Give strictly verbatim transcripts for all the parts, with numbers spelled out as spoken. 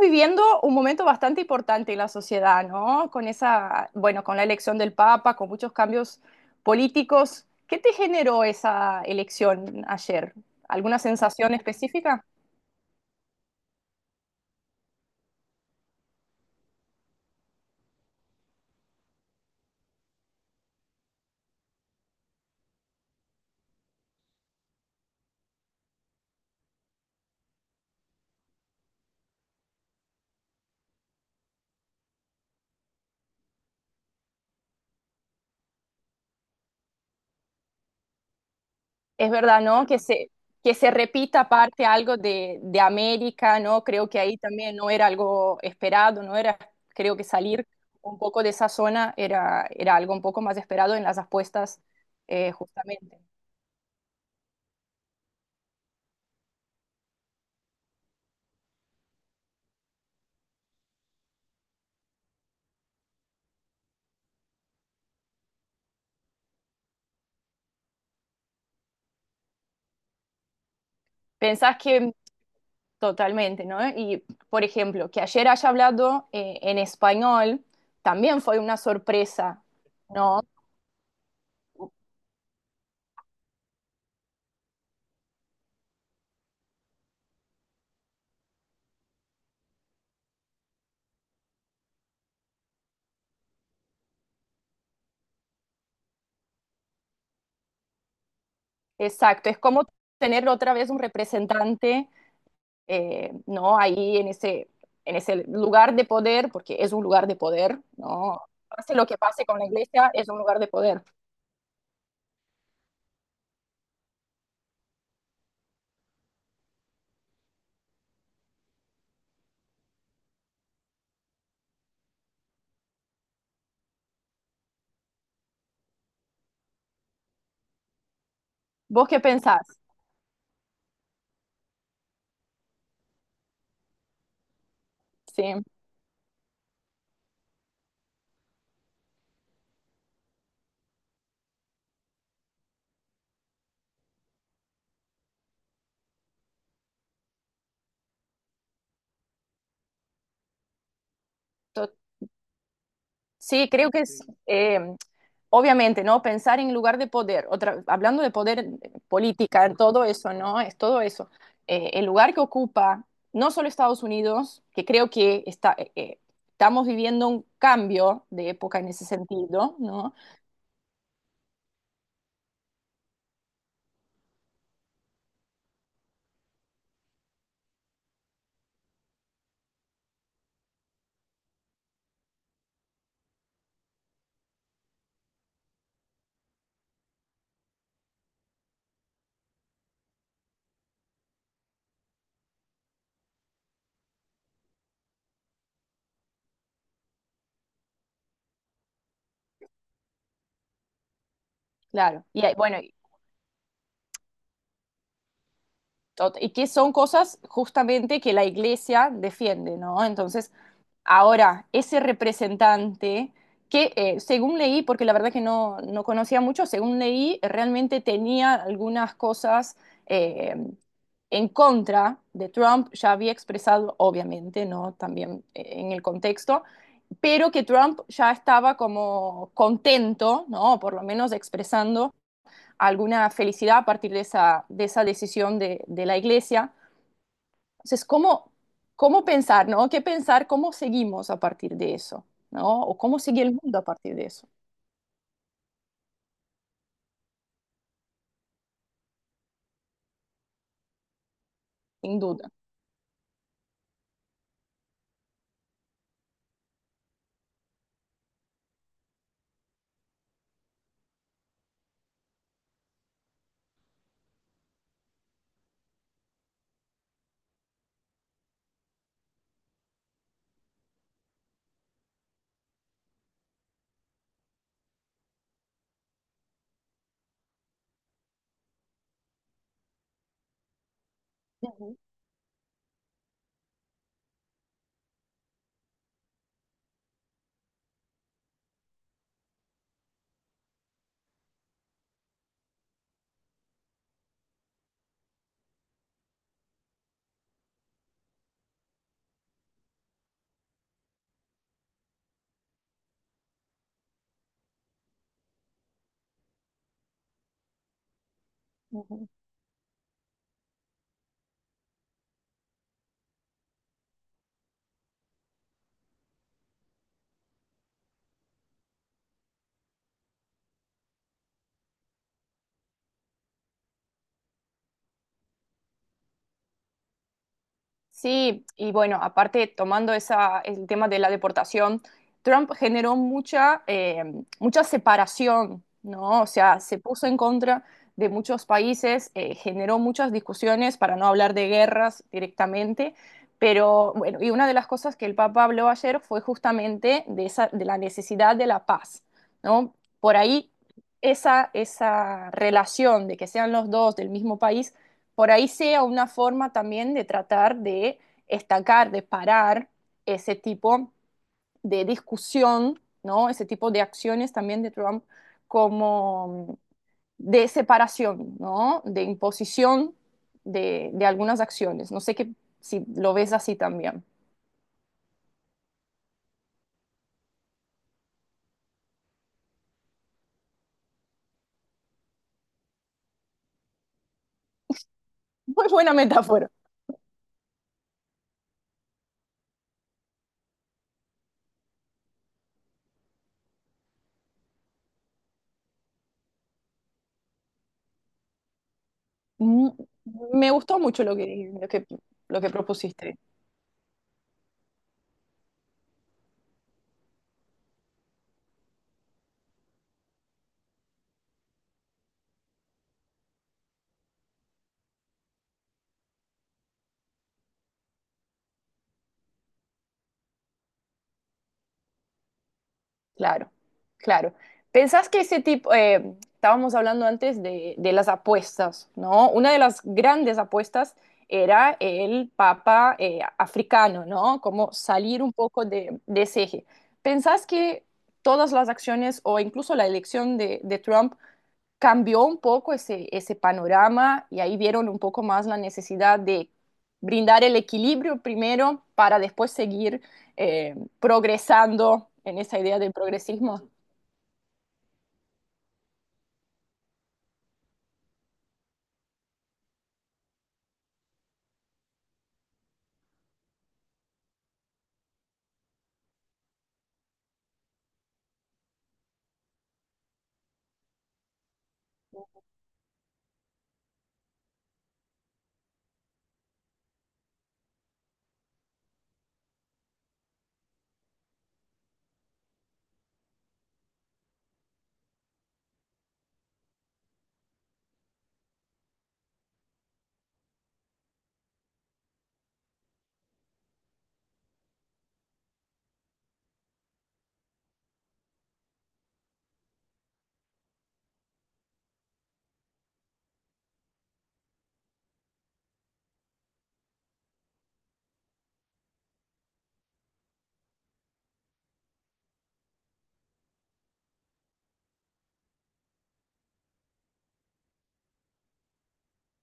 Viviendo un momento bastante importante en la sociedad, ¿no? Con esa, bueno, con la elección del Papa, con muchos cambios políticos. ¿Qué te generó esa elección ayer? ¿Alguna sensación específica? Es verdad, ¿no? Que se, que se repita aparte algo de, de América, ¿no? Creo que ahí también no era algo esperado, no era, creo que salir un poco de esa zona era, era algo un poco más esperado en las apuestas, eh, justamente. ¿Pensás que totalmente, ¿no? Y, por ejemplo, que ayer haya hablado eh, en español también fue una sorpresa, ¿no? Exacto, es como tener otra vez un representante, eh, ¿no? Ahí en ese, en ese lugar de poder, porque es un lugar de poder, ¿no? Pase lo que pase con la iglesia, es un lugar de poder. ¿Vos qué pensás? Sí, sí, creo que es, eh, obviamente, ¿no? Pensar en lugar de poder, otra, hablando de poder eh, política, todo eso, ¿no? Es todo eso. Eh, el lugar que ocupa no solo Estados Unidos, que creo que está, eh, eh, estamos viviendo un cambio de época en ese sentido, ¿no? Claro. Y hay, bueno, y tot- y que son cosas justamente que la iglesia defiende, ¿no? Entonces, ahora, ese representante que, eh, según leí, porque la verdad que no, no conocía mucho, según leí, realmente tenía algunas cosas eh, en contra de Trump, ya había expresado, obviamente, ¿no? También eh, en el contexto, pero que Trump ya estaba como contento, ¿no? Por lo menos expresando alguna felicidad a partir de esa, de esa decisión de, de la iglesia. Entonces, ¿cómo, cómo pensar, ¿no? ¿Qué pensar? ¿Cómo seguimos a partir de eso? ¿No? ¿O cómo sigue el mundo a partir de eso? Sin duda. Ujú, ujú. Sí, y bueno, aparte tomando esa, el tema de la deportación, Trump generó mucha, eh, mucha separación, ¿no? O sea, se puso en contra de muchos países, eh, generó muchas discusiones, para no hablar de guerras directamente, pero bueno, y una de las cosas que el Papa habló ayer fue justamente de esa, de la necesidad de la paz, ¿no? Por ahí esa, esa relación de que sean los dos del mismo país por ahí sea una forma también de tratar de estacar, de parar ese tipo de discusión, ¿no? Ese tipo de acciones también de Trump como mm, de separación, ¿no? De imposición de, de algunas acciones. No sé qué si lo ves así también. Muy buena metáfora. Mm, Me gustó mucho lo que, lo que, lo que propusiste. Claro, claro. ¿Pensás que ese tipo, eh, estábamos hablando antes de, de las apuestas, ¿no? Una de las grandes apuestas era el papa eh, africano, ¿no? Como salir un poco de, de ese eje. ¿Pensás que todas las acciones o incluso la elección de, de Trump cambió un poco ese, ese panorama y ahí vieron un poco más la necesidad de brindar el equilibrio primero para después seguir eh, progresando en esa idea del progresismo.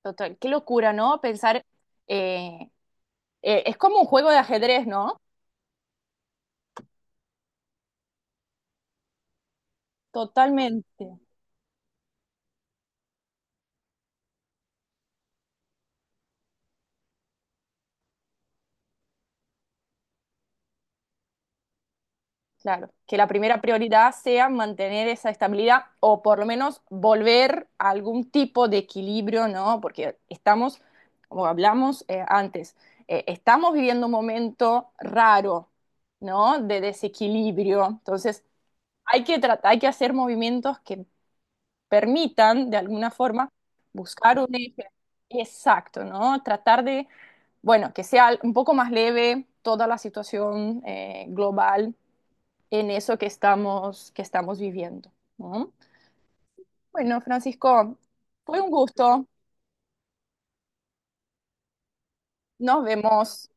Total, qué locura, ¿no? Pensar, eh, eh, es como un juego de ajedrez, ¿no? Totalmente. Claro, que la primera prioridad sea mantener esa estabilidad o por lo menos volver a algún tipo de equilibrio, ¿no? Porque estamos, como hablamos eh, antes, eh, estamos viviendo un momento raro, ¿no? De desequilibrio. Entonces, hay que tratar, hay que hacer movimientos que permitan, de alguna forma, buscar un eje exacto, ¿no? Tratar de, bueno, que sea un poco más leve toda la situación eh, global en eso que estamos, que estamos viviendo, ¿no? Bueno, Francisco, fue un gusto. Nos vemos.